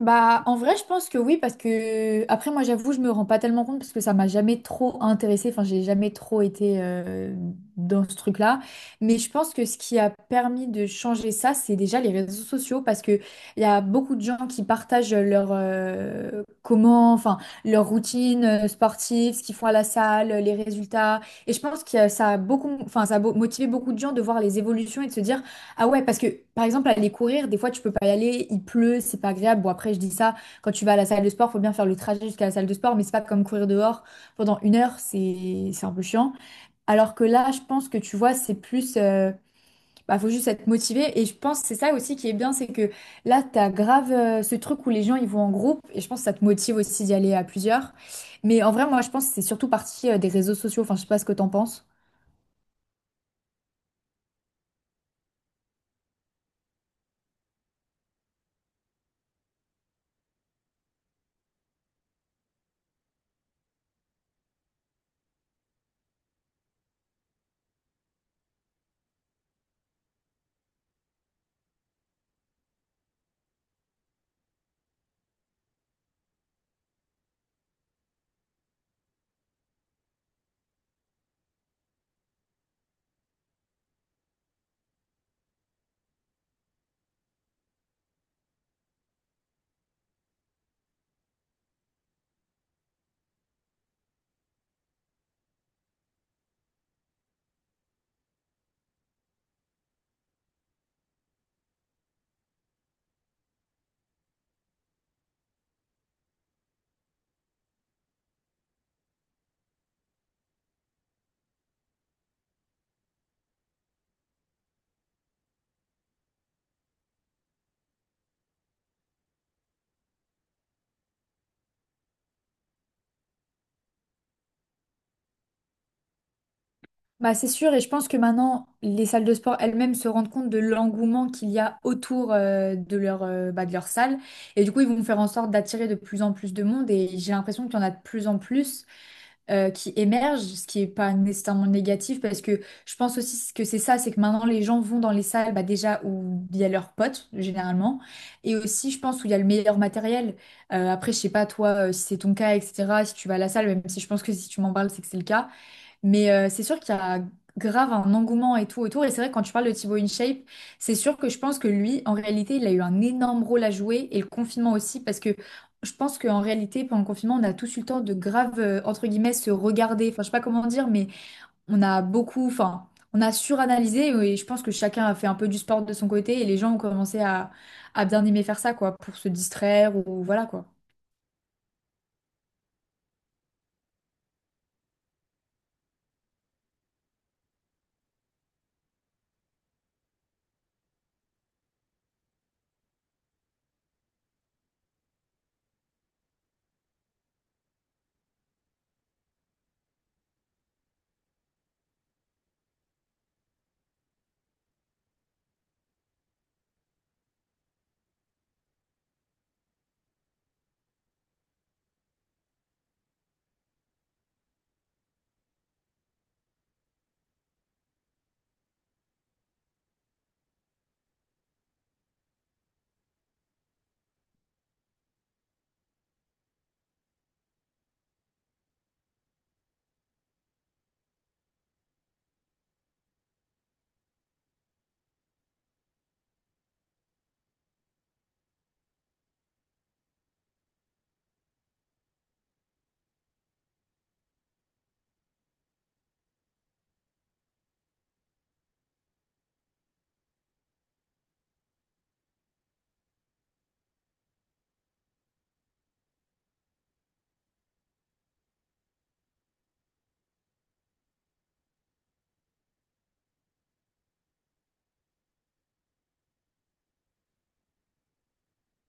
Bah, en vrai, je pense que oui, parce que après, moi, j'avoue, je me rends pas tellement compte parce que ça m'a jamais trop intéressée. Enfin, j'ai jamais trop été dans ce truc-là. Mais je pense que ce qui a permis de changer ça, c'est déjà les réseaux sociaux parce que il y a beaucoup de gens qui partagent leur comment, enfin, leur routine sportive, ce qu'ils font à la salle, les résultats. Et je pense que ça a beaucoup, enfin, motivé beaucoup de gens de voir les évolutions et de se dire. Ah ouais, parce que par exemple, aller courir, des fois tu peux pas y aller, il pleut, c'est pas agréable. Bon, après, je dis ça, quand tu vas à la salle de sport, faut bien faire le trajet jusqu'à la salle de sport, mais c'est pas comme courir dehors pendant une heure, c'est un peu chiant. Alors que là, je pense que tu vois, c'est plus. Bah, faut juste être motivé. Et je pense que c'est ça aussi qui est bien, c'est que là, t'as grave ce truc où les gens ils vont en groupe, et je pense que ça te motive aussi d'y aller à plusieurs. Mais en vrai, moi, je pense que c'est surtout parti des réseaux sociaux, enfin, je sais pas ce que t'en penses. Bah, c'est sûr, et je pense que maintenant, les salles de sport elles-mêmes se rendent compte de l'engouement qu'il y a autour de leur, bah, de leur salle. Et du coup, ils vont faire en sorte d'attirer de plus en plus de monde. Et j'ai l'impression qu'il y en a de plus en plus qui émergent, ce qui n'est pas nécessairement négatif, parce que je pense aussi que c'est ça, c'est que maintenant, les gens vont dans les salles bah, déjà où il y a leurs potes, généralement, et aussi, je pense, où il y a le meilleur matériel. Après, je sais pas, toi, si c'est ton cas, etc., si tu vas à la salle, même si je pense que si tu m'en parles, c'est que c'est le cas. Mais c'est sûr qu'il y a grave un engouement et tout autour. Et c'est vrai, que quand tu parles de Thibaut InShape, c'est sûr que je pense que lui, en réalité, il a eu un énorme rôle à jouer et le confinement aussi, parce que je pense qu'en réalité, pendant le confinement, on a tous eu le temps de grave, entre guillemets, se regarder. Enfin, je sais pas comment dire, mais on a beaucoup, enfin, on a suranalysé et je pense que chacun a fait un peu du sport de son côté et les gens ont commencé à bien aimer faire ça, quoi, pour se distraire ou voilà, quoi.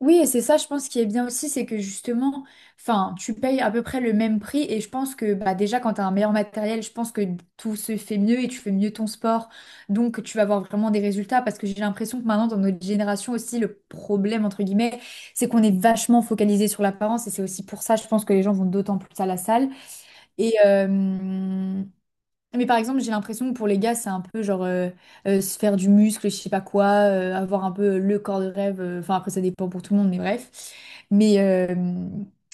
Oui, et c'est ça, je pense, qui est bien aussi, c'est que justement, enfin, tu payes à peu près le même prix. Et je pense que bah, déjà, quand tu as un meilleur matériel, je pense que tout se fait mieux et tu fais mieux ton sport. Donc, tu vas avoir vraiment des résultats. Parce que j'ai l'impression que maintenant, dans notre génération aussi, le problème, entre guillemets, c'est qu'on est vachement focalisé sur l'apparence. Et c'est aussi pour ça, je pense, que les gens vont d'autant plus à la salle. Et, euh, mais par exemple, j'ai l'impression que pour les gars, c'est un peu genre se faire du muscle, je sais pas quoi, avoir un peu le corps de rêve. Enfin, après, ça dépend pour tout le monde, mais bref. Mais, euh,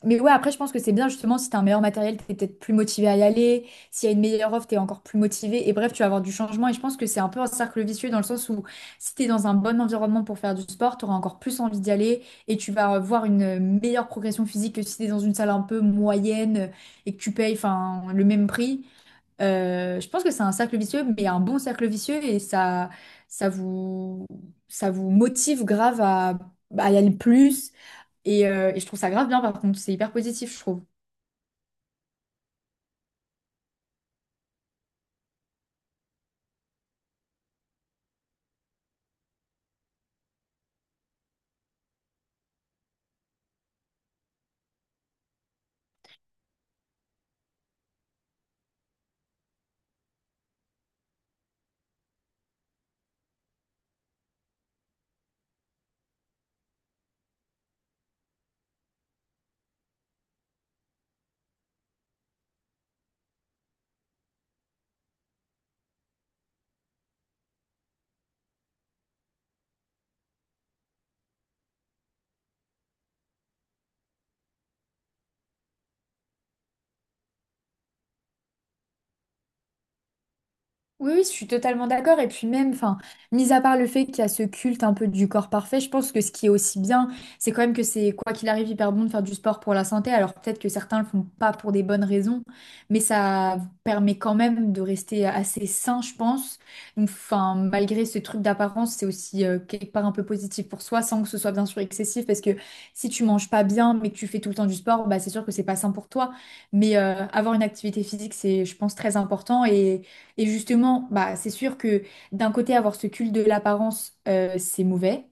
mais ouais, après, je pense que c'est bien justement si t'as un meilleur matériel, t'es peut-être plus motivé à y aller. S'il y a une meilleure offre, t'es encore plus motivé. Et bref, tu vas avoir du changement. Et je pense que c'est un peu un cercle vicieux dans le sens où si t'es dans un bon environnement pour faire du sport, t'auras encore plus envie d'y aller et tu vas voir une meilleure progression physique que si t'es dans une salle un peu moyenne et que tu payes enfin, le même prix. Je pense que c'est un cercle vicieux, mais un bon cercle vicieux et ça, ça vous, ça vous motive grave à y aller plus. Et je trouve ça grave bien, par contre, c'est hyper positif, je trouve. Oui, oui, je suis totalement d'accord. Et puis même, enfin, mis à part le fait qu'il y a ce culte un peu du corps parfait, je pense que ce qui est aussi bien, c'est quand même que c'est, quoi qu'il arrive, hyper bon de faire du sport pour la santé. Alors peut-être que certains le font pas pour des bonnes raisons, mais ça permet quand même de rester assez sain, je pense. Donc, enfin, malgré ce truc d'apparence, c'est aussi quelque part un peu positif pour soi, sans que ce soit bien sûr excessif, parce que si tu manges pas bien, mais que tu fais tout le temps du sport, bah c'est sûr que c'est pas sain pour toi. Mais avoir une activité physique, c'est, je pense, très important et justement, bah, c'est sûr que d'un côté, avoir ce culte de l'apparence, c'est mauvais,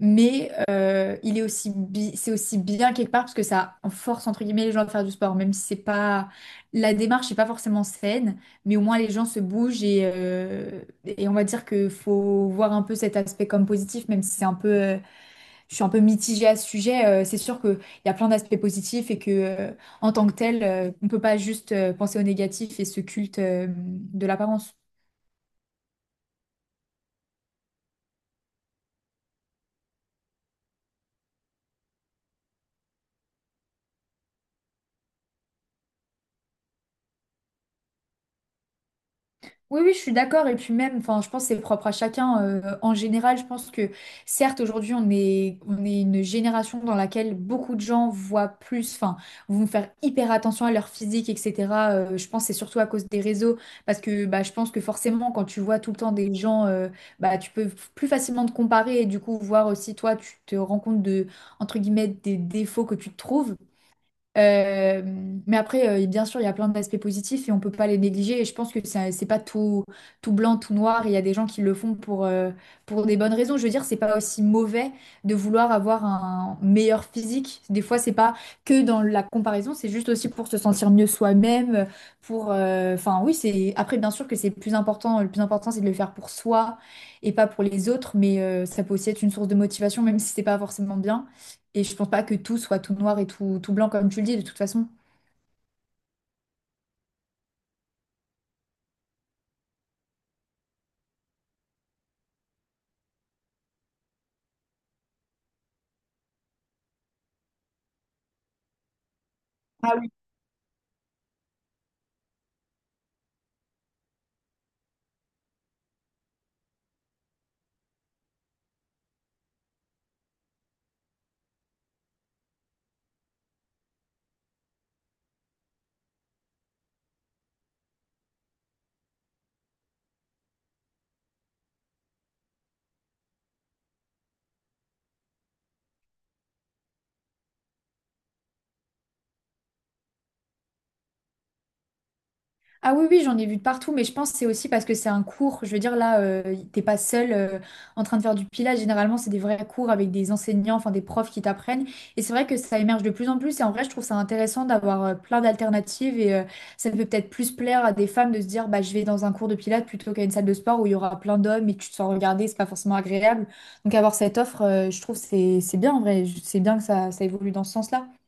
mais il est aussi bi- c'est aussi bien quelque part parce que ça force, entre guillemets, les gens à faire du sport, même si c'est pas… La démarche n'est pas forcément saine, mais au moins les gens se bougent et et on va dire qu'il faut voir un peu cet aspect comme positif, même si c'est un peu… Je suis un peu mitigée à ce sujet. C'est sûr qu'il y a plein d'aspects positifs en tant que tel, on peut pas juste penser au négatif et ce culte de l'apparence. Oui, oui, je suis d'accord. Et puis même, enfin, je pense que c'est propre à chacun. En général, je pense que certes, aujourd'hui, on est une génération dans laquelle beaucoup de gens voient plus, enfin, vont faire hyper attention à leur physique, etc. Je pense que c'est surtout à cause des réseaux. Parce que bah, je pense que forcément, quand tu vois tout le temps des gens, bah, tu peux plus facilement te comparer et du coup voir aussi toi, tu te rends compte de, entre guillemets, des défauts que tu te trouves. Euh, mais après, bien sûr, il y a plein d'aspects positifs et on peut pas les négliger. Et je pense que c'est pas tout, tout blanc, tout noir. Il y a des gens qui le font pour des bonnes raisons. Je veux dire, c'est pas aussi mauvais de vouloir avoir un meilleur physique. Des fois, c'est pas que dans la comparaison, c'est juste aussi pour se sentir mieux soi-même. Enfin, oui, c'est. Après, bien sûr que c'est plus important. Le plus important, c'est de le faire pour soi et pas pour les autres. Mais ça peut aussi être une source de motivation, même si c'est pas forcément bien. Et je pense pas que tout soit tout noir et tout, tout blanc, comme tu le dis, de toute façon. Ah oui. Ah oui, oui, j'en ai vu de partout, mais je pense que c'est aussi parce que c'est un cours. Je veux dire, là, t'es pas seul en train de faire du pilage. Généralement, c'est des vrais cours avec des enseignants, enfin des profs qui t'apprennent. Et c'est vrai que ça émerge de plus en plus. Et en vrai, je trouve ça intéressant d'avoir plein d'alternatives. Ça peut peut-être plus plaire à des femmes de se dire, bah, je vais dans un cours de pilates plutôt qu'à une salle de sport où il y aura plein d'hommes et tu te sens regarder, c'est pas forcément agréable. Donc avoir cette offre, je trouve que c'est bien en vrai. C'est bien que ça évolue dans ce sens-là.